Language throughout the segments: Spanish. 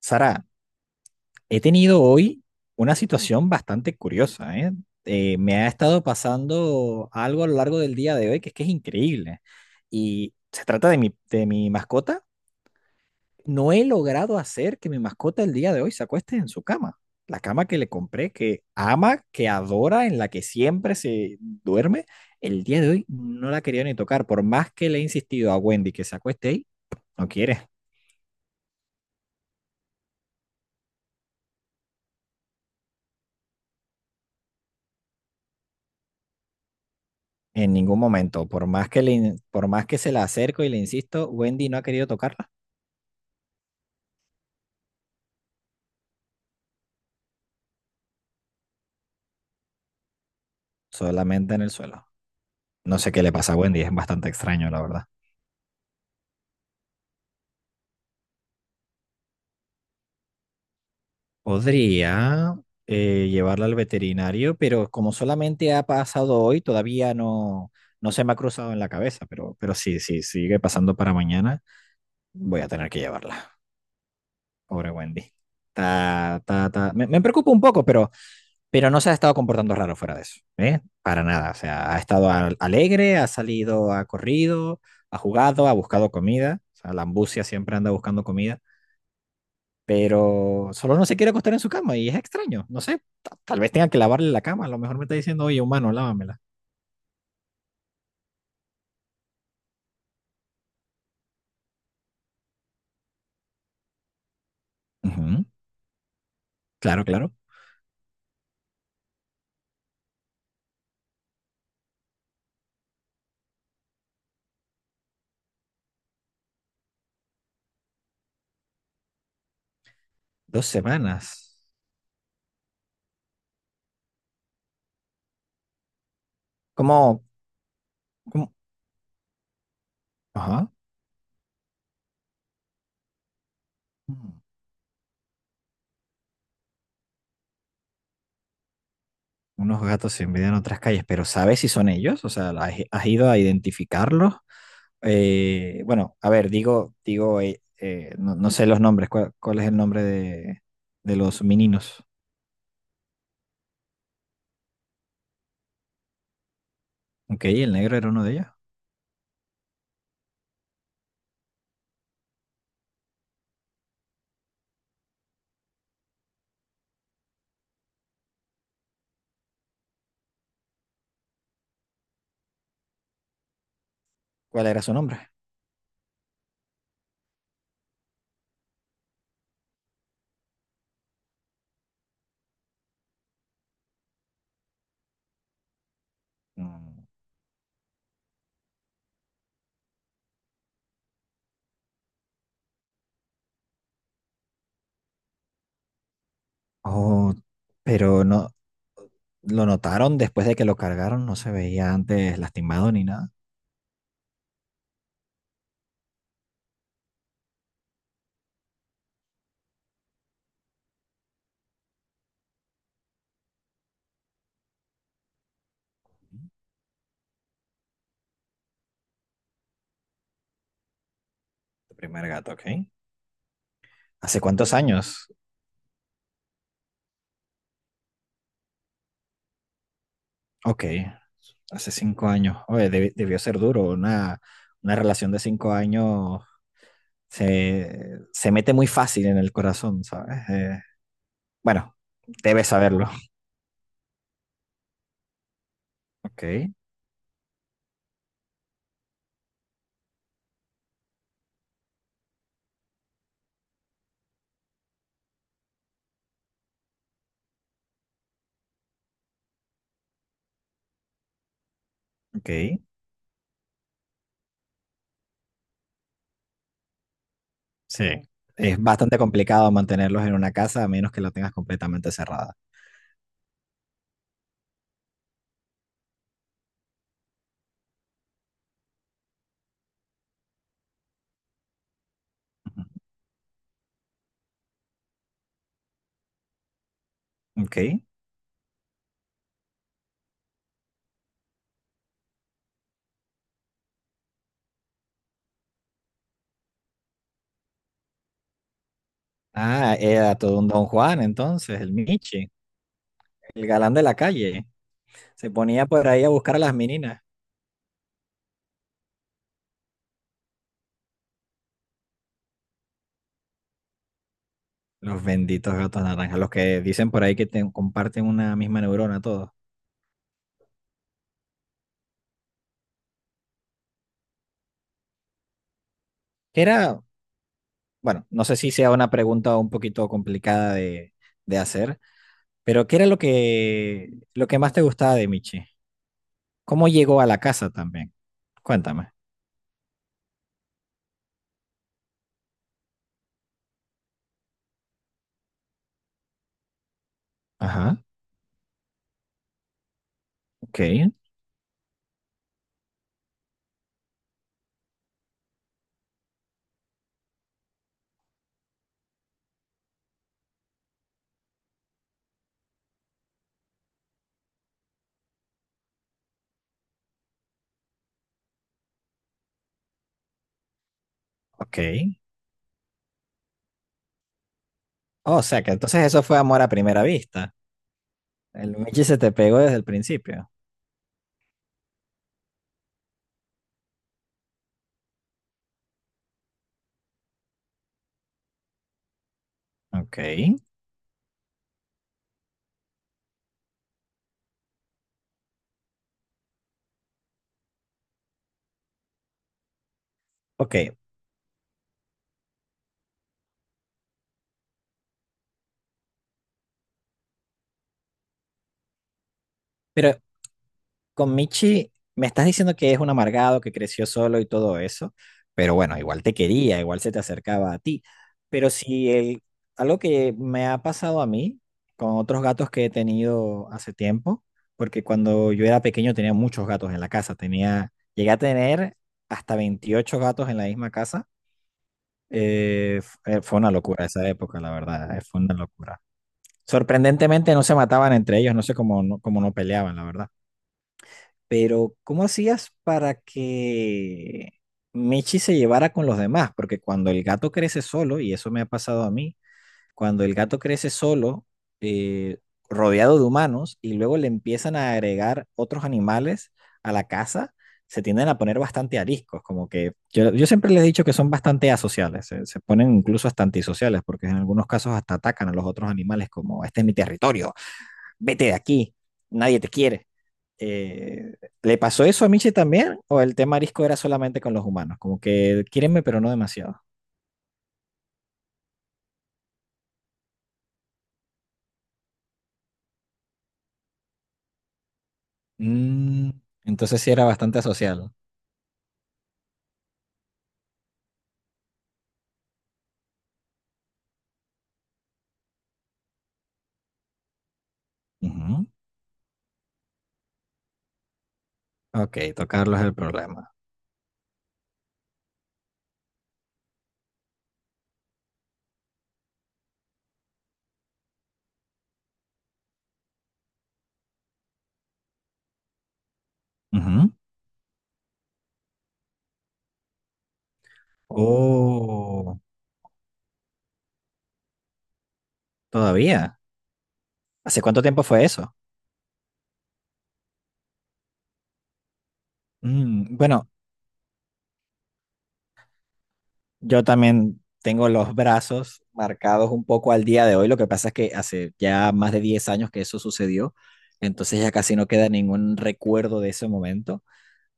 Sara, he tenido hoy una situación bastante curiosa, ¿eh? Me ha estado pasando algo a lo largo del día de hoy que es increíble. Y se trata de mi mascota. No he logrado hacer que mi mascota el día de hoy se acueste en su cama. La cama que le compré, que ama, que adora, en la que siempre se duerme. El día de hoy no la quería ni tocar. Por más que le he insistido a Wendy que se acueste ahí, no quiere. En ningún momento, por más que por más que se la acerco y le insisto, Wendy no ha querido tocarla, solamente en el suelo. No sé qué le pasa a Wendy, es bastante extraño, la verdad. Podría llevarla al veterinario, pero como solamente ha pasado hoy, todavía no, no se me ha cruzado en la cabeza, pero sí, sí, sigue pasando para mañana, voy a tener que llevarla. Pobre Wendy. Ta, ta, ta. Me preocupa un poco, pero no se ha estado comportando raro fuera de eso, ¿eh? Para nada, o sea, ha estado alegre, ha salido, ha corrido, ha jugado, ha buscado comida, o sea, la ambucia siempre anda buscando comida, pero solo no se quiere acostar en su cama y es extraño, no sé, tal vez tenga que lavarle la cama, a lo mejor me está diciendo, oye, humano, lávamela. Ujú. Claro, claro. Dos semanas. ¿Cómo? ¿Cómo? Ajá. Unos gatos se envidian otras calles, pero ¿sabes si son ellos? O sea, ¿has, has ido a identificarlos? Bueno, a ver, digo, no, no sé los nombres. ¿Cuál es el nombre de los meninos? Ok, el negro era uno de ellos. ¿Cuál era su nombre? Mm. Oh, pero no, lo notaron después de que lo cargaron, no se veía antes lastimado ni nada. Tu primer gato, ok. ¿Hace cuántos años? Ok, hace 5 años. Oye, debió ser duro. Una relación de 5 años se, se mete muy fácil en el corazón, ¿sabes? Bueno, debes saberlo. Ok, ok. Sí. Es bastante complicado mantenerlos en una casa a menos que la tengas completamente cerrada. Ujú. Ok. Ah, era todo un Don Juan entonces, el Michi, el galán de la calle. Se ponía por ahí a buscar a las meninas. Los benditos gatos naranjas, los que dicen por ahí que comparten una misma neurona todos. Que era, bueno, no sé si sea una pregunta un poquito complicada de hacer, pero ¿qué era lo que más te gustaba de Michi? ¿Cómo llegó a la casa también? Cuéntame. Ajá, ok, ok. Oh, o sea que entonces eso fue amor a primera vista. El Michi se te pegó desde el principio. Ok, ok. Pero con Michi me estás diciendo que es un amargado, que creció solo y todo eso, pero bueno, igual te quería, igual se te acercaba a ti. Pero si el, algo que me ha pasado a mí con otros gatos que he tenido hace tiempo, porque cuando yo era pequeño tenía muchos gatos en la casa, tenía, llegué a tener hasta 28 gatos en la misma casa. Fue una locura esa época, la verdad, fue una locura. Sorprendentemente no se mataban entre ellos, no sé cómo no peleaban, la verdad. Pero, ¿cómo hacías para que Michi se llevara con los demás? Porque cuando el gato crece solo, y eso me ha pasado a mí, cuando el gato crece solo, eh, rodeado de humanos, y luego le empiezan a agregar otros animales a la casa, se tienden a poner bastante ariscos, como que yo siempre les he dicho que son bastante asociales, se ponen incluso hasta antisociales, porque en algunos casos hasta atacan a los otros animales como, este es mi territorio, vete de aquí, nadie te quiere. Eh, ¿Le pasó eso a Michi también? ¿O el tema arisco era solamente con los humanos? Como que quiérenme, pero no demasiado. Mm, entonces sí era bastante asocial. Ujú. Ok, tocarlo es el problema. Ujú. Oh, todavía. ¿Hace cuánto tiempo fue eso? Mm, bueno, yo también tengo los brazos marcados un poco al día de hoy. Lo que pasa es que hace ya más de 10 años que eso sucedió. Entonces ya casi no queda ningún recuerdo de ese momento.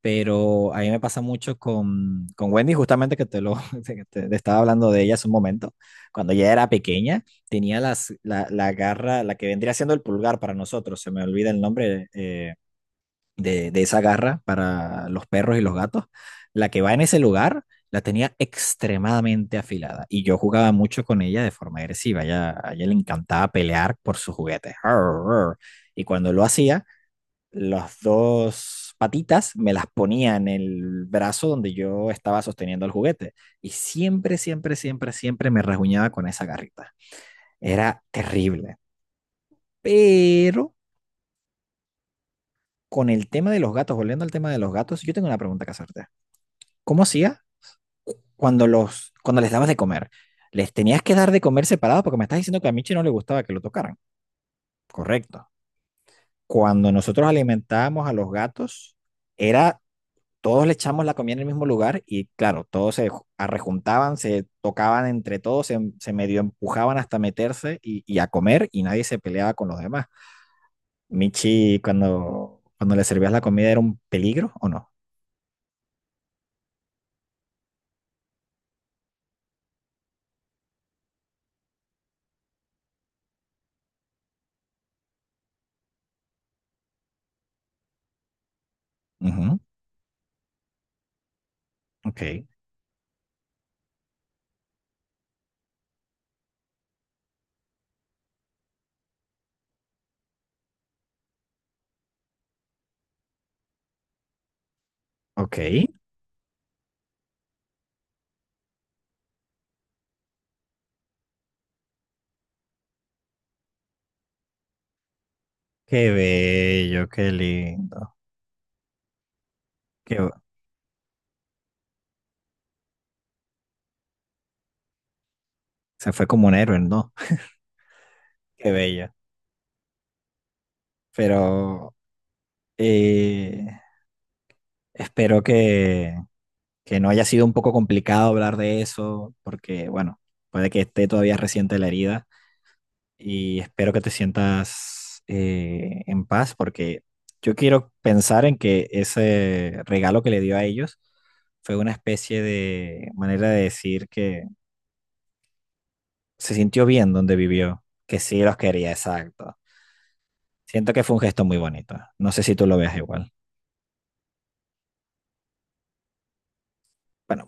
Pero a mí me pasa mucho con Wendy, justamente que te lo te estaba hablando de ella hace un momento. Cuando ella era pequeña, tenía la garra, la que vendría siendo el pulgar para nosotros, se me olvida el nombre de esa garra para los perros y los gatos. La que va en ese lugar, la tenía extremadamente afilada. Y yo jugaba mucho con ella de forma agresiva. A ella le encantaba pelear por sus juguetes. Arr, arr. Y cuando lo hacía las dos patitas me las ponía en el brazo donde yo estaba sosteniendo el juguete. Y siempre me rasguñaba con esa garrita. Era terrible. Pero con el tema de los gatos, volviendo al tema de los gatos, yo tengo una pregunta que hacerte. ¿Cómo hacía cuando les dabas de comer? ¿Les tenías que dar de comer separado? Porque me estás diciendo que a Michi no le gustaba que lo tocaran. Correcto. Cuando nosotros alimentábamos a los gatos, era todos le echamos la comida en el mismo lugar y claro, todos se arrejuntaban, se tocaban entre todos, se medio empujaban hasta meterse y a comer y nadie se peleaba con los demás. Michi, cuando le servías la comida, ¿era un peligro o no? Ujú. Ok, ok. Qué bello, qué lindo. Qué, bu- se fue como un héroe, ¿no? Qué bello. Pero eh, espero que no haya sido un poco complicado hablar de eso, porque bueno, puede que esté todavía reciente la herida y espero que te sientas en paz, porque yo quiero pensar en que ese regalo que le dio a ellos fue una especie de manera de decir que se sintió bien donde vivió, que sí los quería, exacto. Siento que fue un gesto muy bonito. No sé si tú lo veas igual. Bueno,